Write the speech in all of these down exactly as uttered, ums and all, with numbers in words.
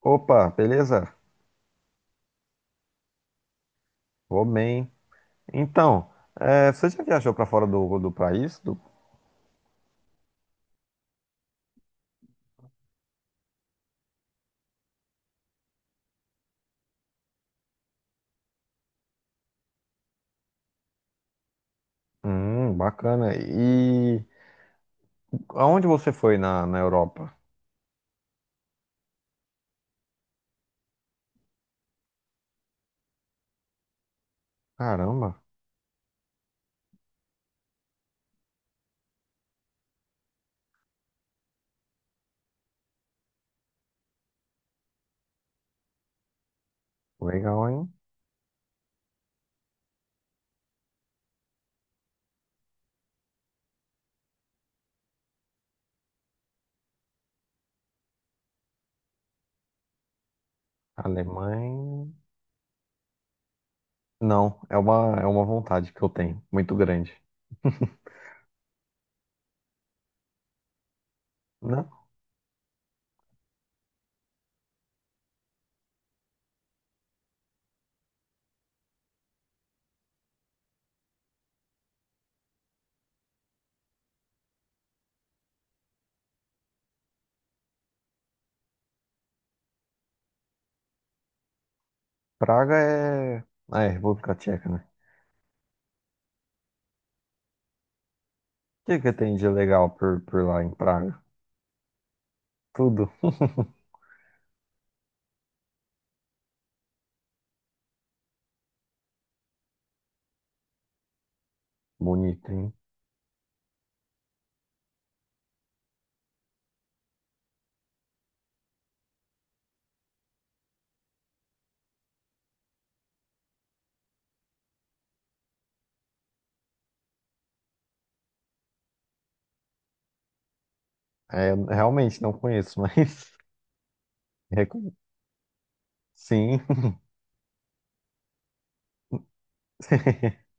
Opa, beleza? Vou bem. Então, é, você já viajou para fora do, do país? Do- Hum, bacana. E aonde você foi na, na Europa? Caramba, legal, hein? Alemanha. Não, é uma, é uma vontade que eu tenho, muito grande. Não, Praga é. Ah, é República Tcheca, né? O que que tem de legal por, por lá em Praga? Tudo. Bonito, hein? É, realmente não conheço, mas. recom- Sim.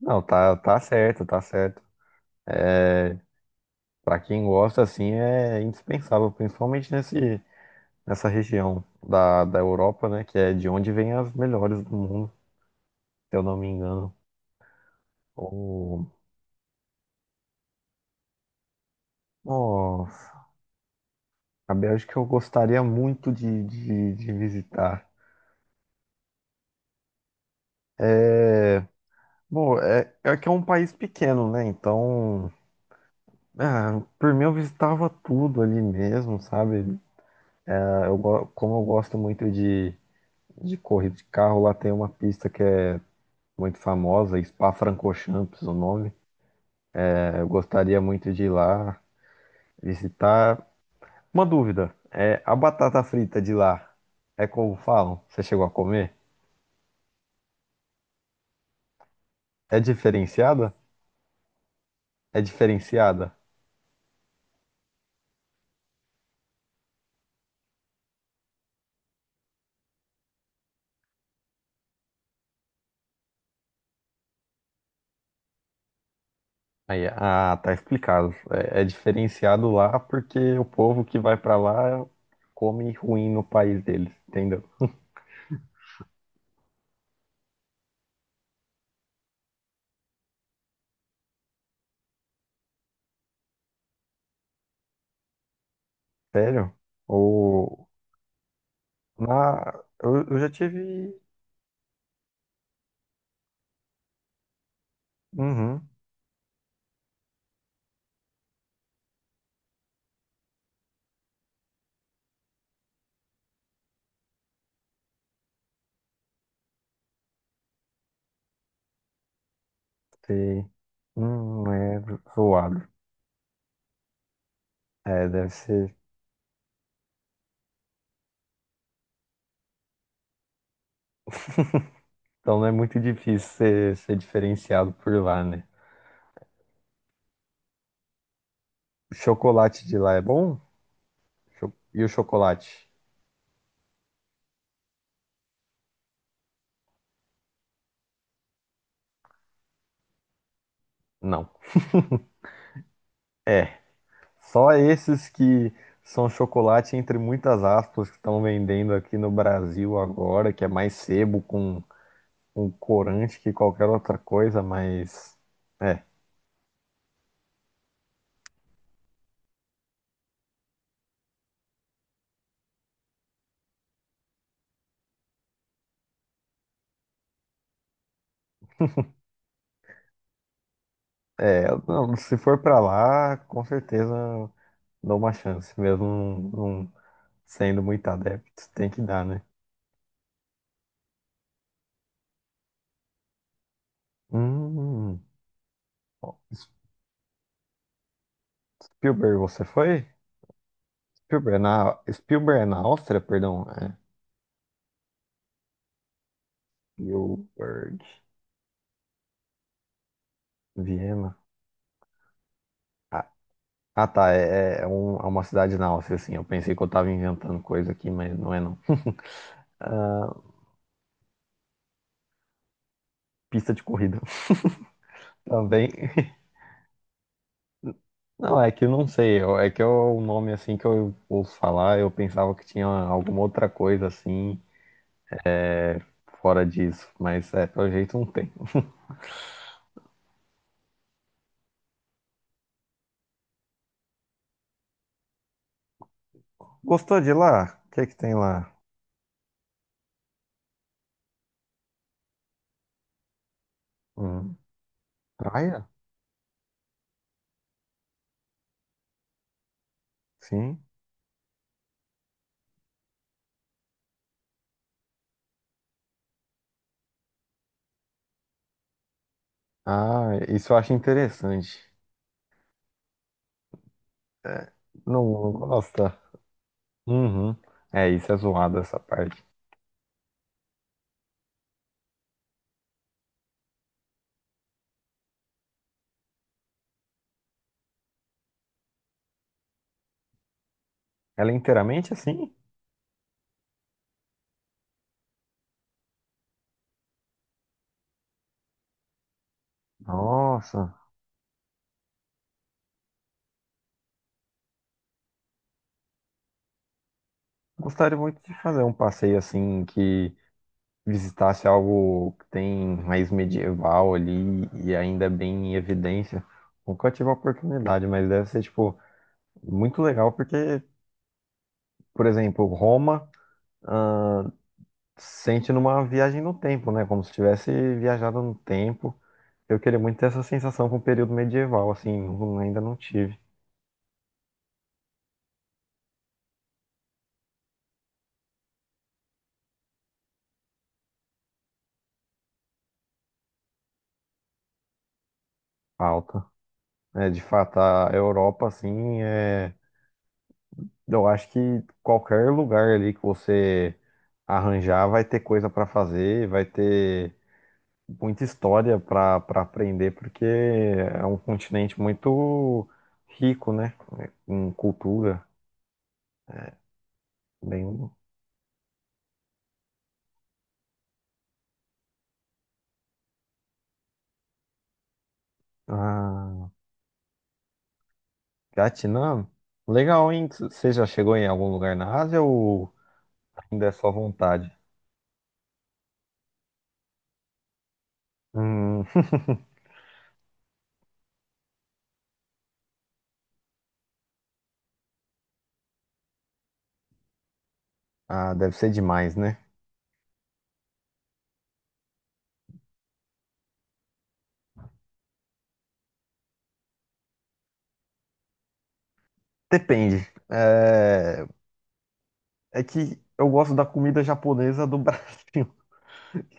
Não, tá, tá certo, tá certo. É, Para quem gosta, assim, é indispensável, principalmente nesse, nessa região da, da Europa, né? Que é de onde vem as melhores do mundo, se eu não me engano. Oh, nossa, a Bélgica eu gostaria muito de, de, de visitar. É, bom, é, é que é um país pequeno, né? Então, ah, por mim eu visitava tudo ali mesmo, sabe? Ah, Eu, go- como eu gosto muito de De corrida de carro, lá tem uma pista que é muito famosa, Spa-Francorchamps, o nome. É, eu gostaria muito de ir lá visitar. Uma dúvida, é, a batata frita de lá é como falam? Você chegou a comer? É diferenciada? É diferenciada? Aí, ah, tá explicado. É, é diferenciado lá porque o povo que vai pra lá come ruim no país deles, entendeu? Sério? Ou na eu, eu já tive. Uhum. Sei. Hum, é zoado. É, deve ser. Então não é muito difícil ser, ser diferenciado por lá, né? O chocolate de lá é bom? Cho- E o chocolate? Não. É. Só esses que são chocolate entre muitas aspas que estão vendendo aqui no Brasil agora, que é mais sebo com, com corante que qualquer outra coisa, mas. É. É, não, se for pra lá, com certeza dou uma chance, mesmo não, sendo muito adepto, tem que dar, né? Hum, ó, Spielberg, você foi? Spielberg na, Spielberg é na Áustria, perdão. É. Spielberg, Viena. Ah, ah, tá, é, é, é um- é uma cidade na Áustria, assim. Eu pensei que eu tava inventando coisa aqui, mas não é não. Ah, pista de corrida também. Não, é que eu não sei. Eu- É que é o nome assim que eu ouço falar. Eu pensava que tinha alguma outra coisa assim fora disso, mas é, pelo jeito não tem. Gostou de lá? O que é que tem lá? Hum, praia? Sim. Ah, isso eu acho interessante. É, não, não gosta. Uhum. É, isso é zoado essa parte. Ela é inteiramente assim? Nossa. Gostaria muito de fazer um passeio assim que visitasse algo que tem raiz medieval ali e ainda é bem em evidência. Nunca tive a oportunidade, mas deve ser, tipo, muito legal porque, por exemplo, Roma sente numa viagem no tempo, né? Como se tivesse viajado no tempo. Eu queria muito ter essa sensação com o período medieval, assim, não- ainda não tive falta. É, de fato, a Europa, assim, é, eu acho que qualquer lugar ali que você arranjar vai ter coisa para fazer, vai ter muita história para para aprender, porque é um continente muito rico, né? Em cultura. Bem... Ah, Vietnã? Legal, hein? Você já chegou em algum lugar na Ásia ou ainda é só vontade? Hum. Ah, deve ser demais, né? Depende. É, É que eu gosto da comida japonesa do Brasil,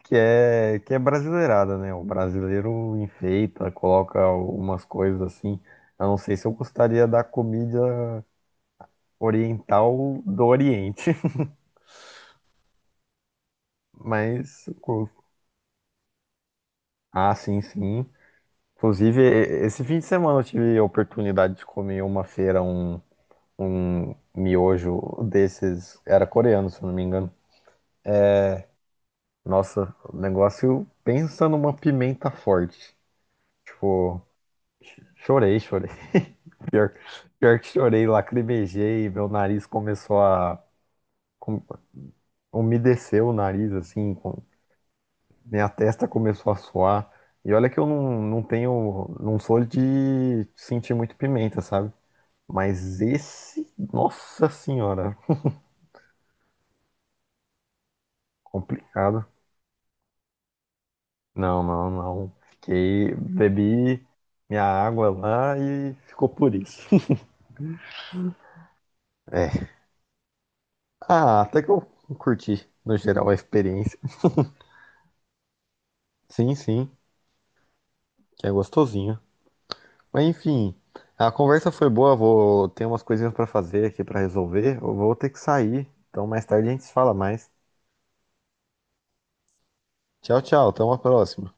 que é, que é brasileirada, né? O brasileiro enfeita, coloca umas coisas assim. Eu não sei se eu gostaria da comida oriental do Oriente, mas. Co- Ah, sim, sim. Inclusive, e- esse fim de semana eu tive a oportunidade de comer uma feira, um, um miojo desses. Era coreano, se eu não me engano. Nossa, o negócio pensa numa pimenta forte. Tipo, ch- chorei, chorei. Pior, pior que chorei, lacrimejei, meu nariz começou a com- umedeceu o nariz assim, com- minha testa começou a suar. E olha que eu não, não tenho, não sou de sentir muito pimenta, sabe? Mas esse, nossa senhora, complicado. Não, não, não. Fiquei, bebi minha água lá e ficou por isso. É. Ah, até que eu curti, no geral, a experiência. Sim, sim, que é gostosinho. Mas enfim, a conversa foi boa, vou ter umas coisinhas pra fazer aqui pra resolver. Eu vou ter que sair, então mais tarde a gente se fala mais. Tchau, tchau, até uma próxima.